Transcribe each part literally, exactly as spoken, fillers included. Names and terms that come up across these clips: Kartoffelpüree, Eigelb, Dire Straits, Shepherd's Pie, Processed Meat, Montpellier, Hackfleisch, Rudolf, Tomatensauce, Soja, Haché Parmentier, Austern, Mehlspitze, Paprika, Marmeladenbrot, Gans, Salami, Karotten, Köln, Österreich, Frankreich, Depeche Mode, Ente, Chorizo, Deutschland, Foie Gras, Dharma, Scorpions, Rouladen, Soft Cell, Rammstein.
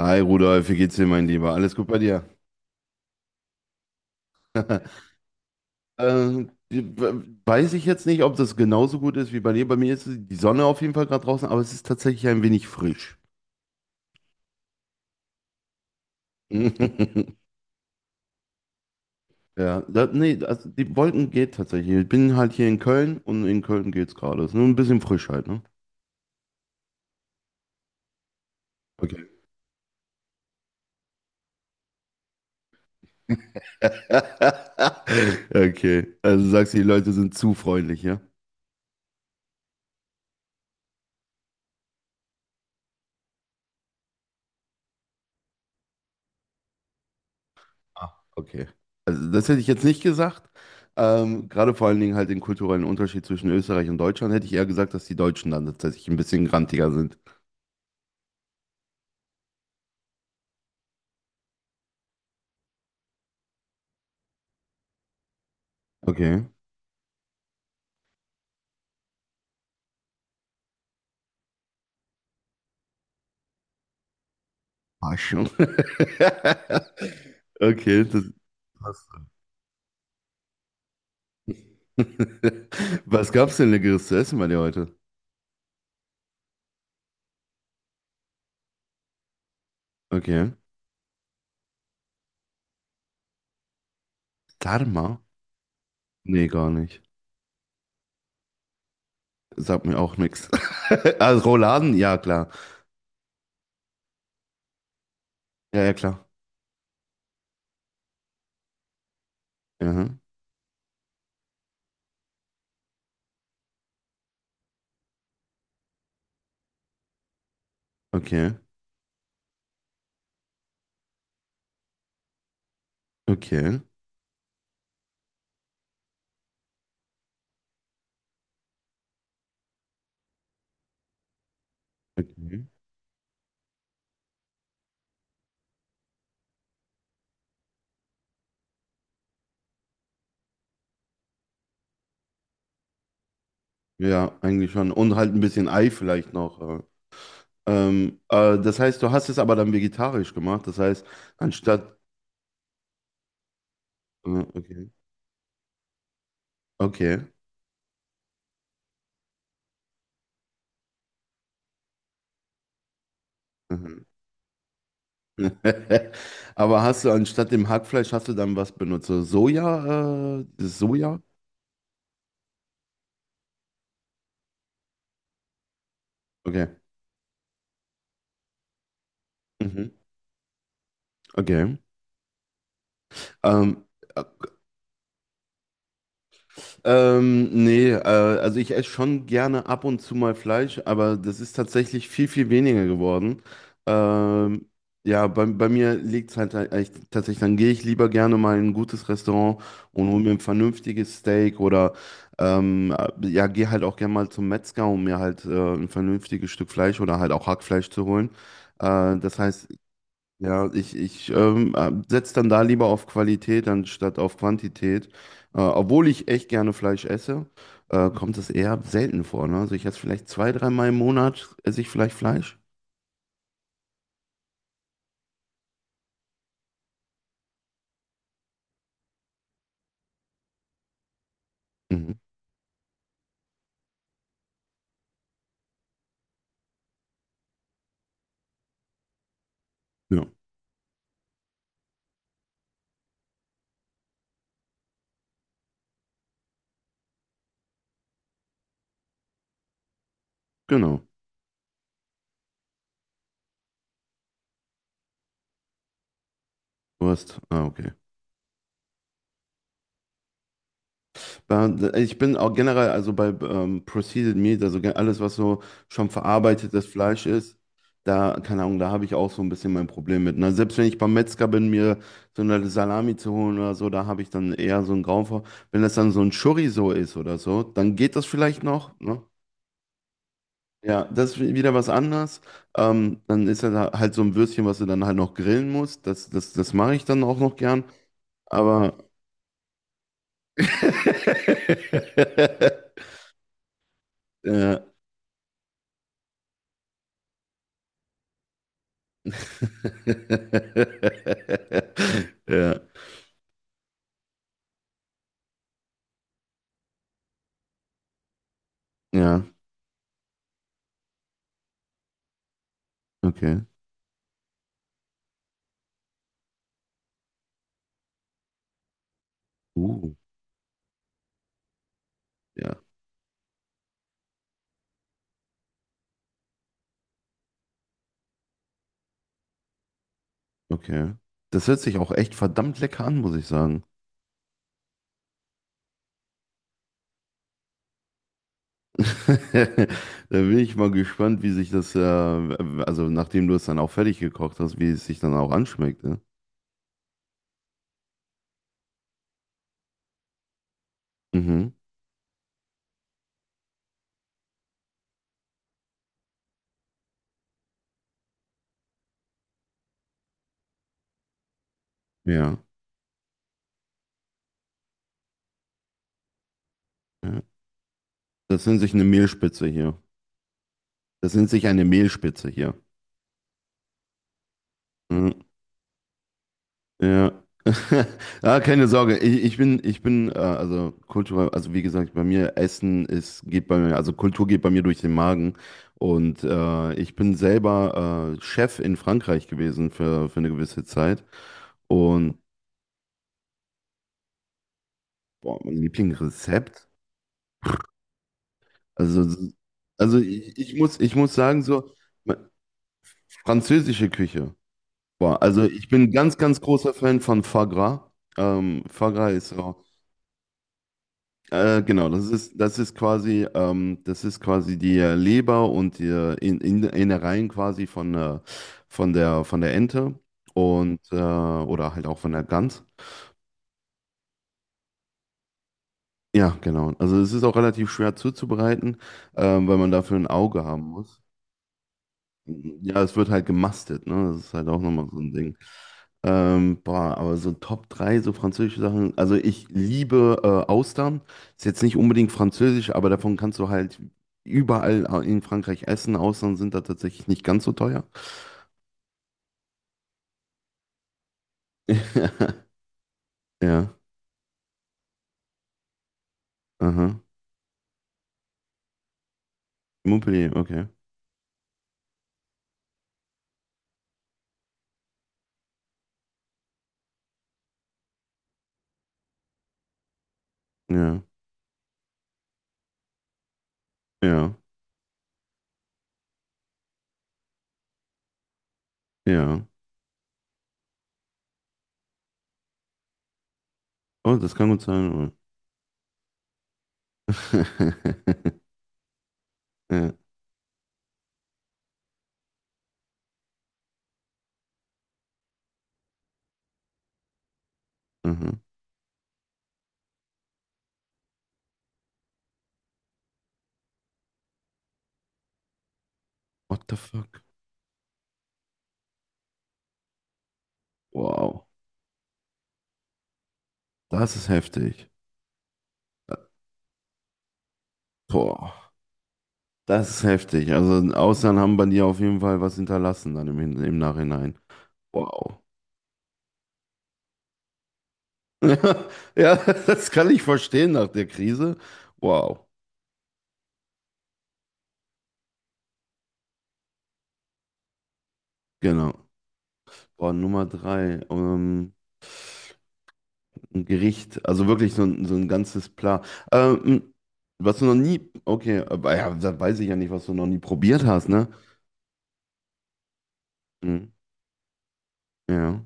Hi Rudolf, wie geht's dir, mein Lieber? Alles gut bei dir? äh, weiß ich jetzt nicht, ob das genauso gut ist wie bei dir. Bei mir ist die Sonne auf jeden Fall gerade draußen, aber es ist tatsächlich ein wenig frisch. Ja, da, nee, also die Wolken geht tatsächlich. Ich bin halt hier in Köln und in Köln geht's gerade. Ist nur ein bisschen frisch halt, ne? Okay. Okay, also sagst du, die Leute sind zu freundlich, ja? Ah, okay. Also das hätte ich jetzt nicht gesagt. Ähm, gerade vor allen Dingen halt den kulturellen Unterschied zwischen Österreich und Deutschland hätte ich eher gesagt, dass die Deutschen dann tatsächlich ein bisschen grantiger sind. Okay. Ah, schon. Okay, das passt. Was gab's denn Leckeres zu essen bei dir heute? Okay. Dharma? Nee, gar nicht. Sagt mir auch nichts. Also Rouladen? Ja, klar. Ja, ja, klar. Ja, okay. Okay. Okay. Ja, eigentlich schon. Und halt ein bisschen Ei vielleicht noch. äh, Ähm, äh, das heißt, du hast es aber dann vegetarisch gemacht. Das heißt, anstatt. äh, Okay. Okay. Mhm. Aber hast du anstatt dem Hackfleisch hast du dann was benutzt? So Soja? Äh, dieses Soja? Okay. Mhm. Okay. Ähm, äh, Ähm, nee, äh, also ich esse schon gerne ab und zu mal Fleisch, aber das ist tatsächlich viel, viel weniger geworden. Ähm, ja, bei, bei mir liegt es halt eigentlich tatsächlich, dann gehe ich lieber gerne mal in ein gutes Restaurant und hole mir ein vernünftiges Steak oder ähm, äh, ja, gehe halt auch gerne mal zum Metzger, um mir halt äh, ein vernünftiges Stück Fleisch oder halt auch Hackfleisch zu holen. Äh, das heißt, ja, ich, ich ähm, setze dann da lieber auf Qualität anstatt auf Quantität. Äh, obwohl ich echt gerne Fleisch esse, äh, kommt es eher selten vor. Ne? Also ich esse vielleicht zwei, dreimal im Monat, esse ich vielleicht Fleisch. Mhm. Ja, genau. Du hast, ah, okay. Äh, Ich bin auch generell, also bei ähm, Processed Meat, also ge- alles, was so schon verarbeitetes Fleisch ist, da, keine Ahnung, da habe ich auch so ein bisschen mein Problem mit. Ne? Selbst wenn ich beim Metzger bin, mir so eine Salami zu holen oder so, da habe ich dann eher so einen Grauen vor. Wenn das dann so ein Chorizo ist oder so, dann geht das vielleicht noch, ne? Ja, das ist wieder was anderes. Ähm, dann ist das halt so ein Würstchen, was du dann halt noch grillen musst. Das, das, das mache ich dann auch noch gern. Aber. ja, Ja, ja, okay. Uh, ja, okay. Das hört sich auch echt verdammt lecker an, muss ich sagen. Da bin ich mal gespannt, wie sich das, äh, also nachdem du es dann auch fertig gekocht hast, wie es sich dann auch anschmeckt. Ne? Mhm. Ja, ja. Das nennt sich eine Mehlspitze hier. Das nennt sich eine Mehlspitze hier. Mhm. Ja. Ah, keine Sorge. Ich, ich bin, ich bin, äh, also Kultur, also wie gesagt, bei mir Essen ist, geht bei mir, also Kultur geht bei mir durch den Magen. Und äh, ich bin selber äh, Chef in Frankreich gewesen für, für eine gewisse Zeit. Und boah, mein Lieblingsrezept. Also, also ich, ich muss, ich muss sagen, so, französische Küche. Boah, also ich bin ganz, ganz großer Fan von Foie Gras. Ähm, Foie Gras ist so. Äh, genau, das ist, das ist quasi, ähm, das ist quasi die äh, Leber und die äh, in, in, Innereien quasi von, äh, von der, von der Ente und, äh, oder halt auch von der Gans. Ja, genau. Also es ist auch relativ schwer zuzubereiten, ähm, weil man dafür ein Auge haben muss. Ja, es wird halt gemastet, ne? Das ist halt auch nochmal so ein Ding. Ähm, boah, aber so Top drei so französische Sachen. Also ich liebe äh, Austern. Ist jetzt nicht unbedingt französisch, aber davon kannst du halt überall in Frankreich essen. Austern sind da tatsächlich nicht ganz so teuer. Ja, aha. Montpellier, okay. Ja, ja, ja. Oh, das kann gut sein. Oh. Ja, aha. What the fuck? Wow. Das ist heftig. Boah. Das ist heftig. Also im Ausland haben bei dir auf jeden Fall was hinterlassen dann im, Hin- im Nachhinein. Wow. Ja, ja, das kann ich verstehen nach der Krise. Wow. Genau. Boah, Nummer drei. Ähm, ein Gericht. Also wirklich so ein, so ein ganzes Plan. Ähm, was du noch nie. Okay, aber ja, da weiß ich ja nicht, was du noch nie probiert hast, ne? Mhm. Ja,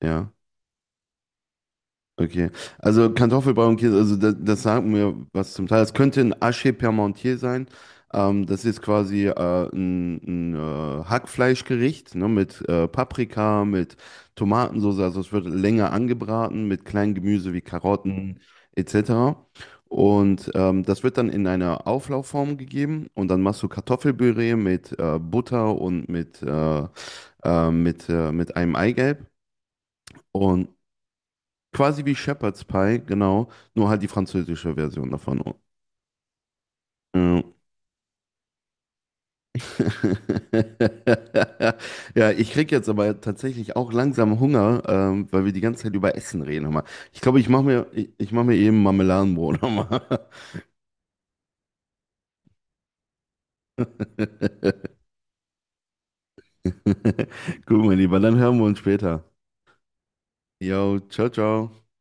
ja. Okay, also Kartoffelbrei und Käse, also das, das sagt mir was zum Teil. Es könnte ein Haché Parmentier sein. Ähm, das ist quasi äh, ein, ein äh, Hackfleischgericht ne, mit äh, Paprika, mit Tomatensauce. Also es wird länger angebraten mit kleinen Gemüse wie Karotten et cetera. Und ähm, das wird dann in eine Auflaufform gegeben und dann machst du Kartoffelpüree mit äh, Butter und mit, äh, äh, mit, äh, mit einem Eigelb. Und quasi wie Shepherd's Pie, genau. Nur halt die französische Version davon. Ja. Ja, ich krieg jetzt aber tatsächlich auch langsam Hunger, ähm, weil wir die ganze Zeit über Essen reden. Hör mal. Ich glaube, ich mache mir, ich, ich mach mir eben Marmeladenbrot nochmal. Gut, mein Lieber, dann hören wir uns später. Jo, ciao, ciao.